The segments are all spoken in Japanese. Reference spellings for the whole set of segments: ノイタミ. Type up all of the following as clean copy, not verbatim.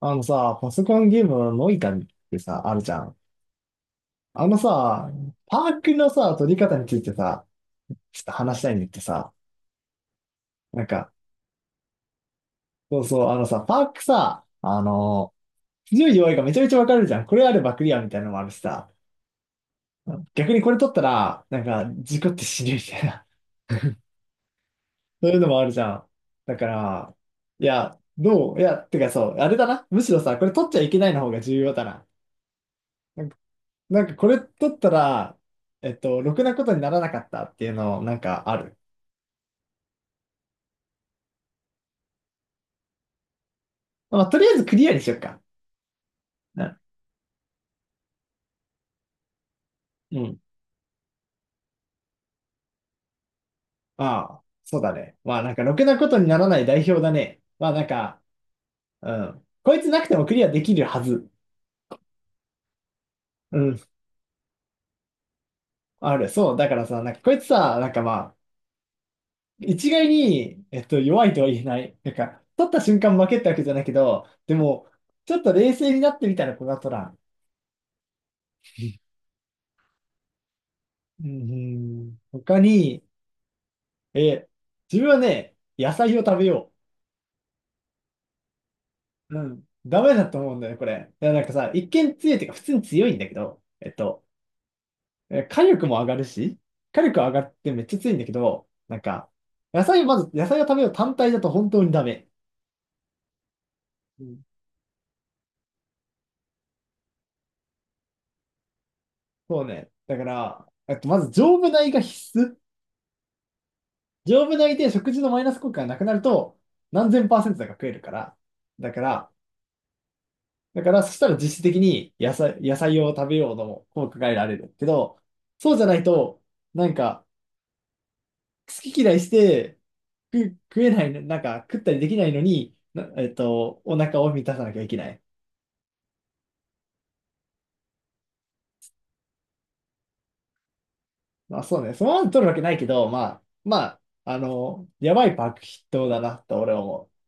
あのさ、パソコンゲームのノイタミってさ、あるじゃん。あのさ、パークのさ、取り方についてさ、ちょっと話したいんだってさ、なんか、そうそう、あのさ、パークさ、強い弱いがめちゃめちゃわかるじゃん。これあればクリアみたいなのもあるしさ、逆にこれ取ったら、事故って死ぬみたいな、そういうのもあるじゃん。だから、いや、どういや、てかそう、あれだな。むしろさ、これ取っちゃいけないの方が重要だな。なんかこれ取ったら、ろくなことにならなかったっていうの、なんかある。まあ、とりあえずクリアにしよっか。な、うん。ああ、そうだね。まあ、なんかろくなことにならない代表だね。まあ、うん。こいつなくてもクリアできるはず。うん。ある。そう。だからさ、なんかこいつさ、なんかまあ、一概に、弱いとは言えない。なんか、取った瞬間負けってわけじゃないけど、でも、ちょっと冷静になってみたら、こがとら。ん、うん、他に、え、自分はね、野菜を食べよう。うん。ダメだと思うんだよね、これ。いや、なんかさ、一見強いっていうか、普通に強いんだけど、え火力も上がるし、火力上がってめっちゃ強いんだけど、野菜をまず、野菜を食べよう単体だと本当にダメ。うん。そうね。だから、まず丈夫米が必須。丈夫米で食事のマイナス効果がなくなると、何千パーセントだか食えるから。だから、だから、そしたら実質的に野菜を食べようとも効果が得られるけど、そうじゃないと、なんか、好き嫌いして、食えない、食ったりできないのに、なお腹を満たさなきゃいけない。まあそうね、そのまま取るわけないけど、まあ、あの、やばいパック筆頭だなって俺は思う。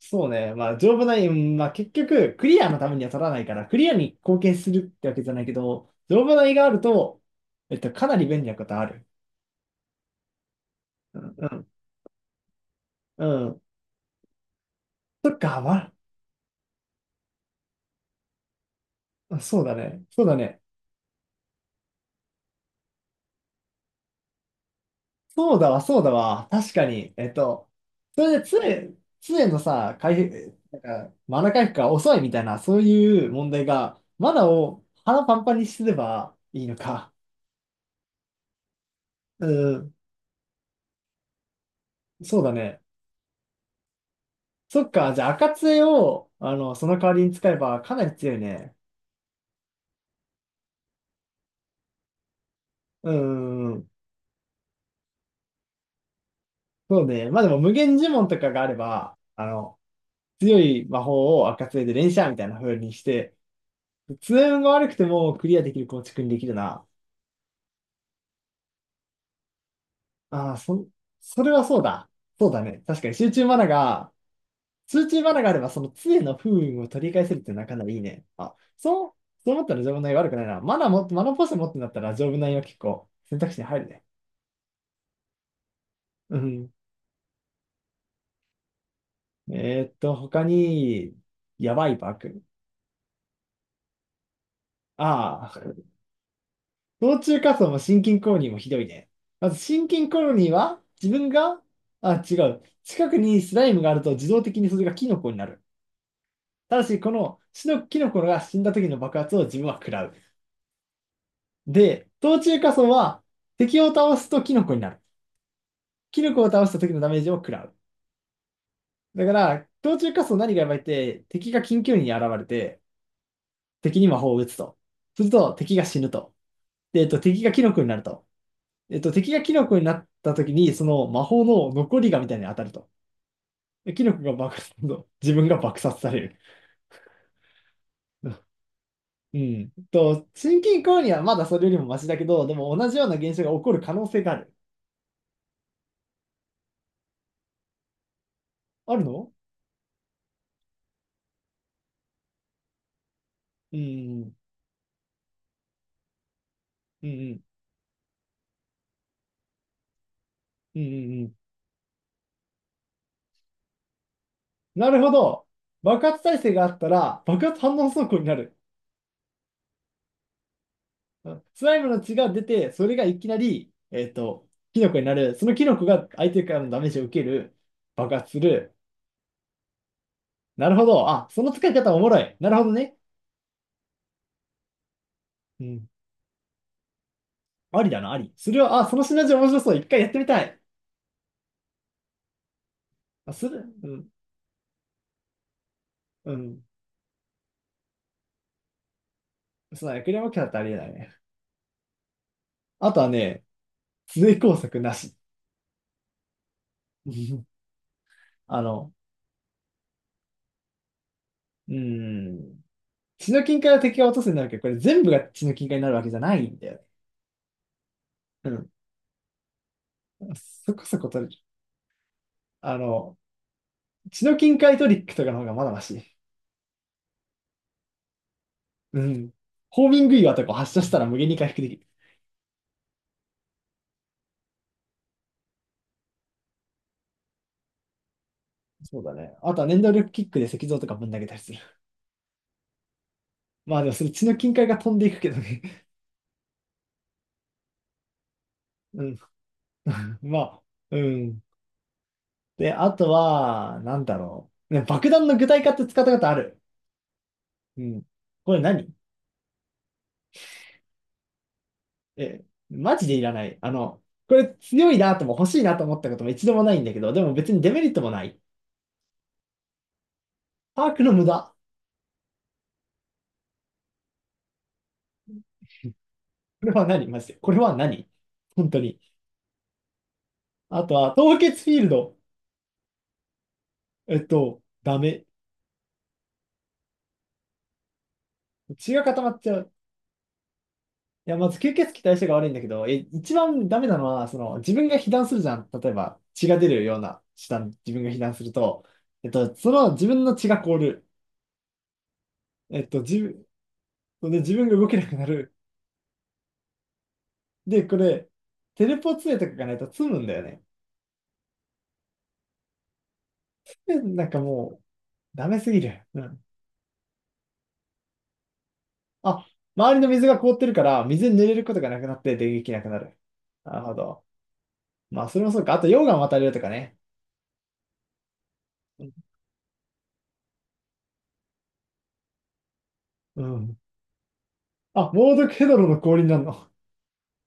そうね、まあ、丈夫な、うんまあ結局、クリアのためには取らないから、クリアに貢献するってわけじゃないけど、丈夫な胃があると、かなり便利なことある。うん、うん、そっか、わ、あそうだね。そうだね。そうだわ、そうだわ。確かに。えっと、それで常のさ、回復、マナ回復が遅いみたいな、そういう問題が、マナを腹パンパンにすればいいのか。うん、そうだね。そっか、じゃあ、赤杖を、あの、その代わりに使えばかなり強いね。うん、うん、そうね。まあでも、無限呪文とかがあれば、あの、強い魔法を赤杖で連射みたいな風にして、通運が悪くてもクリアできる構築にできるな。ああ、そ、それはそうだ。そうだね。確かに集中マナがあればその杖の不運を取り返せるってなかなかいいね。あ、そう、そう思ったら丈夫な悪くないな。マナも、マナポーション持ってんだったら丈夫なは結構選択肢に入るね。うん。えーっと、他に、やばいバグ。ああ、途中仮想も心筋コロニーもひどいね。まず心筋コロニーは自分が、あ、違う。近くにスライムがあると自動的にそれがキノコになる。ただし、この死のキノコが死んだ時の爆発を自分は食らう。で、冬中火層は敵を倒すとキノコになる。キノコを倒した時のダメージを食らう。だから、冬中火層何がやばいって、敵が緊急に現れて、敵に魔法を打つと。すると、敵が死ぬと。で、敵がキノコになると。えっと、敵がキノコになった時に、その魔法の残りがみたいに当たると。でキノコが爆発すると、自分が爆殺される。うん。と、心筋梗にはまだそれよりもマシだけど、でも同じような現象が起こる可能性がある。あるの、うんうんうん、うんうんうん。なるほど。爆発耐性があったら、爆発反応走行になる。うんスライムの血が出て、それがいきなり、キノコになる。そのキノコが相手からのダメージを受ける。爆発する。なるほど。あ、その使い方おもろい。なるほどね。うん。ありだな、あり。それは、あ、そのシナジー面白そう。一回やってみたい。あ、する。うん。うん。そうだね。クレマキャだってありえないね。あとはね、通営工作なし。あの、うーん。血の金塊は敵が落とすになるけど、これ全部が血の金塊になるわけじゃないんだよね。うん。そこそこ取れる。あの、血の金塊トリックとかの方がまだマシ。うん。ホーミング岩とか発射したら無限に回復できる。そうだね。あとは念動力キックで石像とかぶん投げたりする。まあでもそれ血の金塊が飛んでいくけどね。うん。まあ、うん。で、あとは、なんだろう。ね、爆弾の具体化って使ったことある。うん。これ何、えー、マジでいらない。あの、これ強いなとも欲しいなと思ったことも一度もないんだけど、でも別にデメリットもない。パークの無駄。これは何マジで。これは何本当に。あとは、凍結フィールド。ダメ。血が固まっちゃう。いや、まず吸血鬼対象が悪いんだけど、え、一番ダメなのは、その、自分が被弾するじゃん。例えば、血が出るような下に自分が被弾すると、その自分の血が凍る。えっと、自分、で自分が動けなくなる。で、これ、テレポ杖とかがないと積むんだよね。でなんかもう、ダメすぎる。うん。あ、周りの水が凍ってるから、水に濡れることがなくなってで撃なくなる。なるほど。まあ、それもそうか。あと、溶岩渡れるとかね。うん。あ、猛毒ヘドロの氷になるの。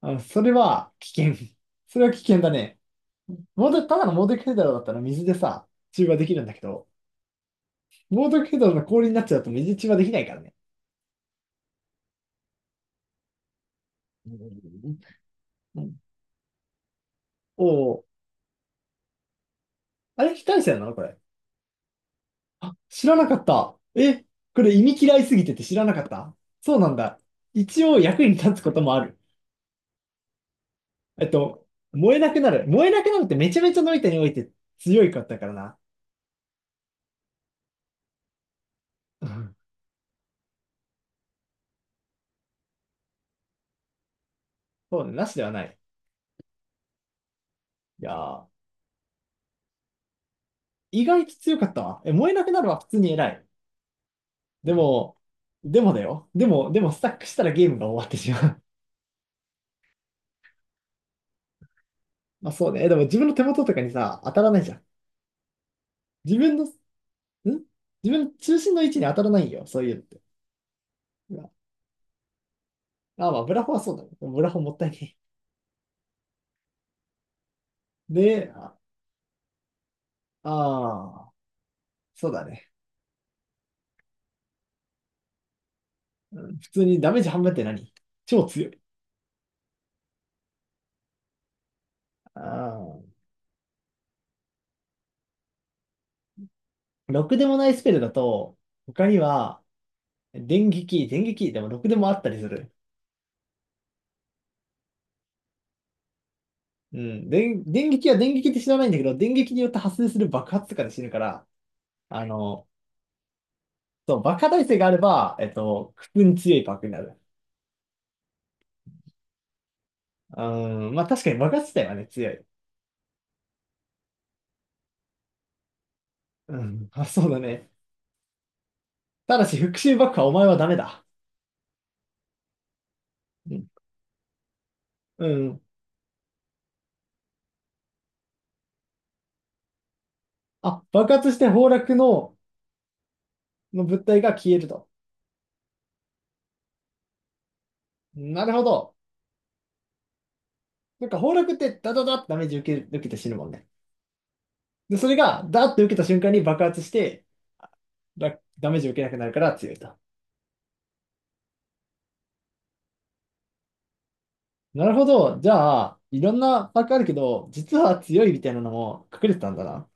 あ、それは危険。それは危険だね。猛毒、ただの猛毒ヘドロだったら水でさ、中和できるんだけど、猛毒ヘドロの氷になっちゃうと水中和できないからね。うんうん、おお、あれ非対称なのこれ。あ、知らなかった。え、これ意味嫌いすぎてて知らなかった、そうなんだ。一応役に立つこともある。えっと、燃えなくなる。燃えなくなるってめちゃめちゃノイタにおいて強いかったからな。うんそうね、なしではない。いやー、意外と強かったわ。え、燃えなくなるは普通に偉い。でも、でもだよ。でもスタックしたらゲームが終わってしまう。まあそうね。でも自分の手元とかにさ、当たらないじゃん。自分の、ん自分の中心の位置に当たらないよ。そういうのって。うわあ、まあ、ブラフォはそうだね。ブラフォもったいねえ。で、ああー、そうだね。普通にダメージ半分って何超強い。ああ、ろくでもないスペルだと、他には、電撃、でもろくでもあったりする。うん、電撃は電撃って知らないんだけど、電撃によって発生する爆発とかで死ぬから、あの、そう、爆破耐性があれば、普通に強いパークになる。うん、まあ確かに爆発自体はね、強い。うん、あ、そうだね。ただし、復讐爆破はお前はダメだ。うん。うん、あ、爆発して崩落のの物体が消えると。なるほど。なんか崩落ってダダダってダメージ受けて死ぬもんね。で、それがダーって受けた瞬間に爆発して、ダダメージを受けなくなるから強いと。なるほど。じゃあ、いろんなパックあるけど、実は強いみたいなのも隠れてたんだな。